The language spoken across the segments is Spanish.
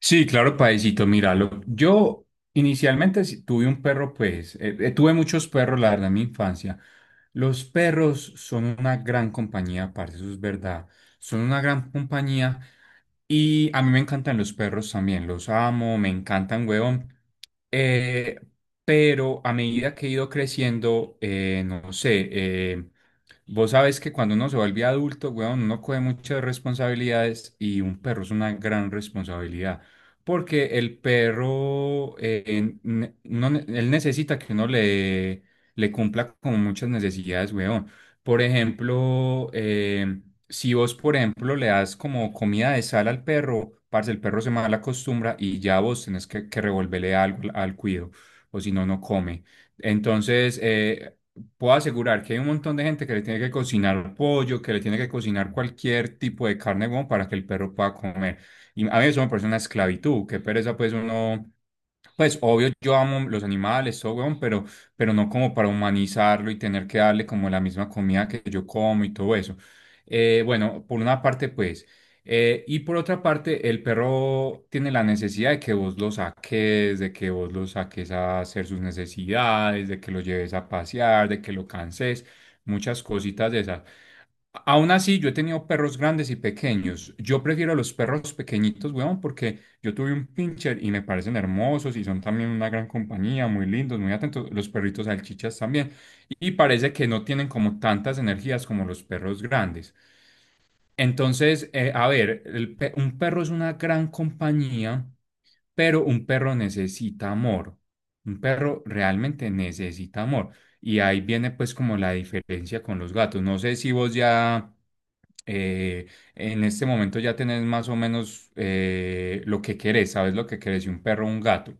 Sí, claro, Paisito, míralo. Yo inicialmente sí tuve un perro, pues, tuve muchos perros, la verdad, en mi infancia. Los perros son una gran compañía, parce, eso es verdad. Son una gran compañía y a mí me encantan los perros también, los amo, me encantan, huevón. Eh, pero a medida que he ido creciendo, no sé, vos sabés que cuando uno se vuelve adulto, weón, uno coge muchas responsabilidades y un perro es una gran responsabilidad. Porque el perro, uno él necesita que uno le, le cumpla con muchas necesidades, weón. Por ejemplo, si vos, por ejemplo, le das como comida de sal al perro, parce, el perro se mal acostumbra y ya vos tenés que revolverle algo al cuido, o si no, no come. Entonces, puedo asegurar que hay un montón de gente que le tiene que cocinar pollo, que le tiene que cocinar cualquier tipo de carne, como para que el perro pueda comer. Y a mí eso me parece una esclavitud, qué pereza pues uno pues obvio, yo amo los animales, todo, weón, pero no como para humanizarlo y tener que darle como la misma comida que yo como y todo eso. Bueno, por una parte, pues. Y por otra parte, el perro tiene la necesidad de que vos lo saques, de que vos lo saques a hacer sus necesidades, de que lo lleves a pasear, de que lo canses, muchas cositas de esas. Aún así, yo he tenido perros grandes y pequeños. Yo prefiero los perros pequeñitos, weón, porque yo tuve un pincher y me parecen hermosos y son también una gran compañía, muy lindos, muy atentos. Los perritos salchichas también. Y parece que no tienen como tantas energías como los perros grandes. Entonces, a ver, un perro es una gran compañía, pero un perro necesita amor. Un perro realmente necesita amor. Y ahí viene pues como la diferencia con los gatos. No sé si vos ya eh, en este momento ya tenés más o menos lo que querés, sabes lo que querés, y un perro o un gato.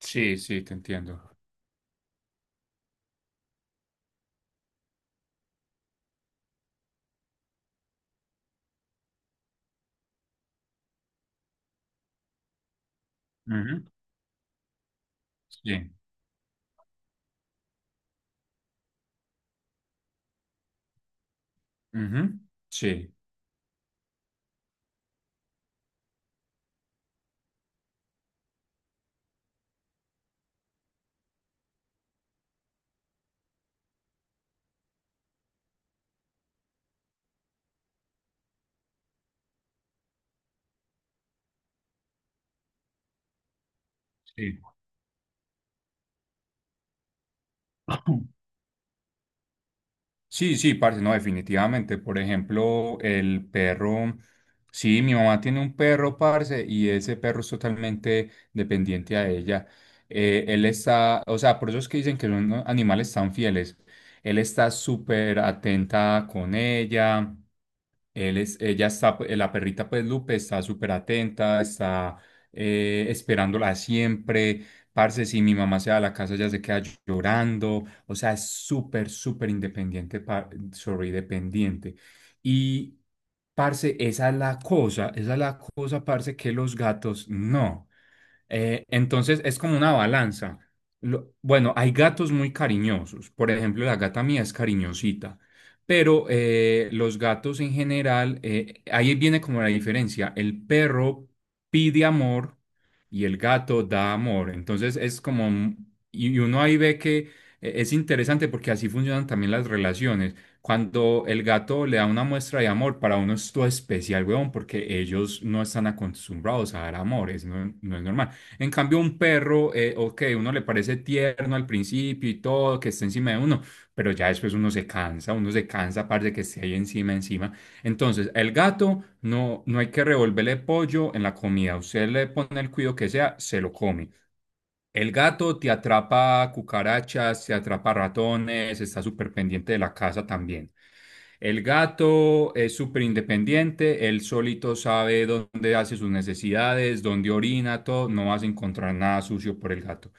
Sí, sí, te entiendo. Ujú, sí, ujú, sí, sí. Sí, sí, parce, no, definitivamente. Por ejemplo, el perro. Sí, mi mamá tiene un perro, parce, y ese perro es totalmente dependiente a ella. Él está, o sea, por eso es que dicen que son animales tan fieles. Él está súper atenta con ella. Ella está, pues, la perrita pues Lupe está súper atenta, está esperándola siempre. Parce, si mi mamá se va a la casa, ella se queda llorando. O sea, es súper, súper independiente, sorry, dependiente. Y, parce, esa es la cosa, esa es la cosa, parce, que los gatos no. Entonces es como una balanza. Bueno, hay gatos muy cariñosos. Por ejemplo, la gata mía es cariñosita. Pero los gatos en general, ahí viene como la diferencia. El perro pide amor y el gato da amor. Entonces es como, y uno ahí ve que es interesante porque así funcionan también las relaciones. Cuando el gato le da una muestra de amor, para uno es todo especial, weón, porque ellos no están acostumbrados a dar amores, no es normal. En cambio, un perro, ok, uno le parece tierno al principio y todo, que esté encima de uno, pero ya después uno se cansa, de que esté ahí encima, encima. Entonces, el gato no, no hay que revolverle pollo en la comida. Usted le pone el cuido que sea, se lo come. El gato te atrapa cucarachas, te atrapa ratones, está súper pendiente de la casa también. El gato es súper independiente, él solito sabe dónde hace sus necesidades, dónde orina, todo, no vas a encontrar nada sucio por el gato.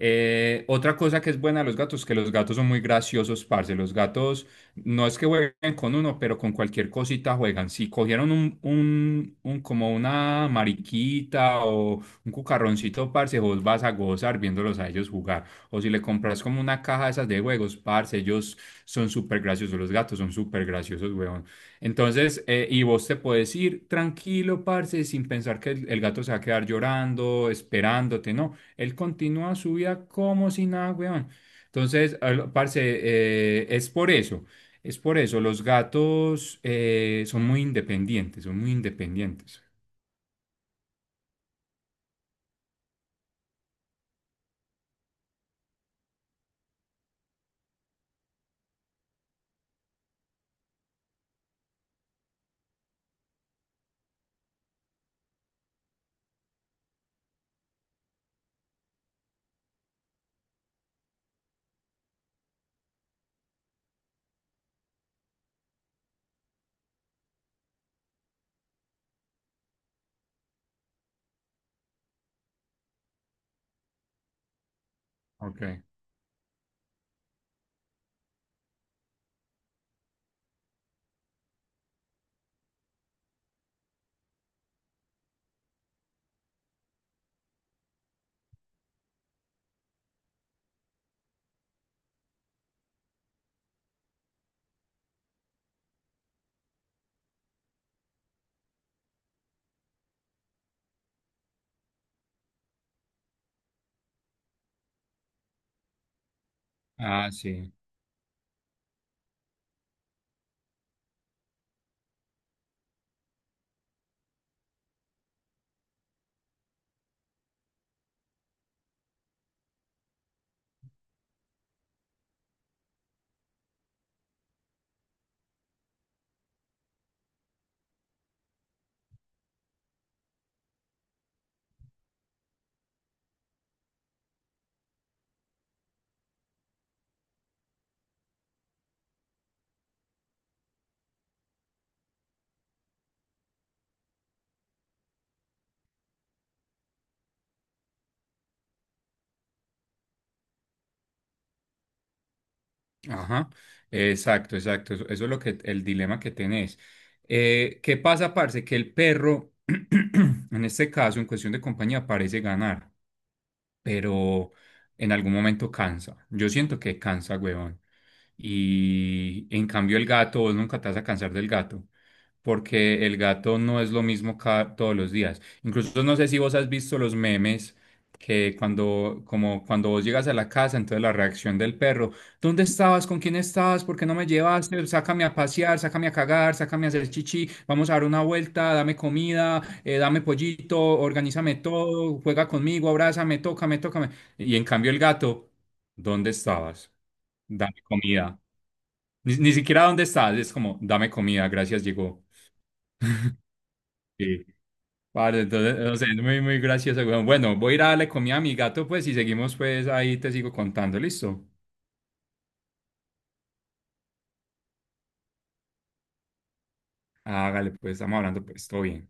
Otra cosa que es buena de los gatos, que los gatos son muy graciosos, parce. Los gatos no es que jueguen con uno, pero con cualquier cosita juegan. Si cogieron como una mariquita o un cucarroncito, parce, vos vas a gozar viéndolos a ellos jugar. O si le compras como una caja de esas de juegos, parce, ellos son súper graciosos los gatos, son súper graciosos, weón. Entonces, y vos te puedes ir tranquilo, parce, sin pensar que el gato se va a quedar llorando, esperándote, no. Él continúa su vida como si nada, weón. Entonces, parce, es por eso, es por eso. Los gatos son muy independientes, son muy independientes. Ok. Ah, sí. Ajá, exacto, exacto. Eso es lo que el dilema que tenés. ¿Qué pasa, parce? Que el perro, en este caso, en cuestión de compañía, parece ganar, pero en algún momento cansa. Yo siento que cansa, huevón. Y en cambio el gato, vos nunca te vas a cansar del gato, porque el gato no es lo mismo cada, todos los días. Incluso no sé si vos has visto los memes que cuando, como cuando vos llegas a la casa, entonces la reacción del perro, ¿dónde estabas? ¿Con quién estabas? ¿Por qué no me llevaste? Sácame a pasear, sácame a cagar, sácame a hacer chichi, vamos a dar una vuelta, dame comida, dame pollito, organízame todo, juega conmigo, abrázame, tócame, tócame. Y en cambio el gato, ¿dónde estabas? Dame comida. Ni siquiera dónde estás, es como, dame comida, gracias, llegó. Sí. Vale, entonces, no sé, es muy, muy gracioso, weón. Bueno, voy a ir a darle comida a mi gato, pues, y seguimos, pues, ahí te sigo contando, ¿listo? Hágale, pues, estamos hablando, pues, todo bien.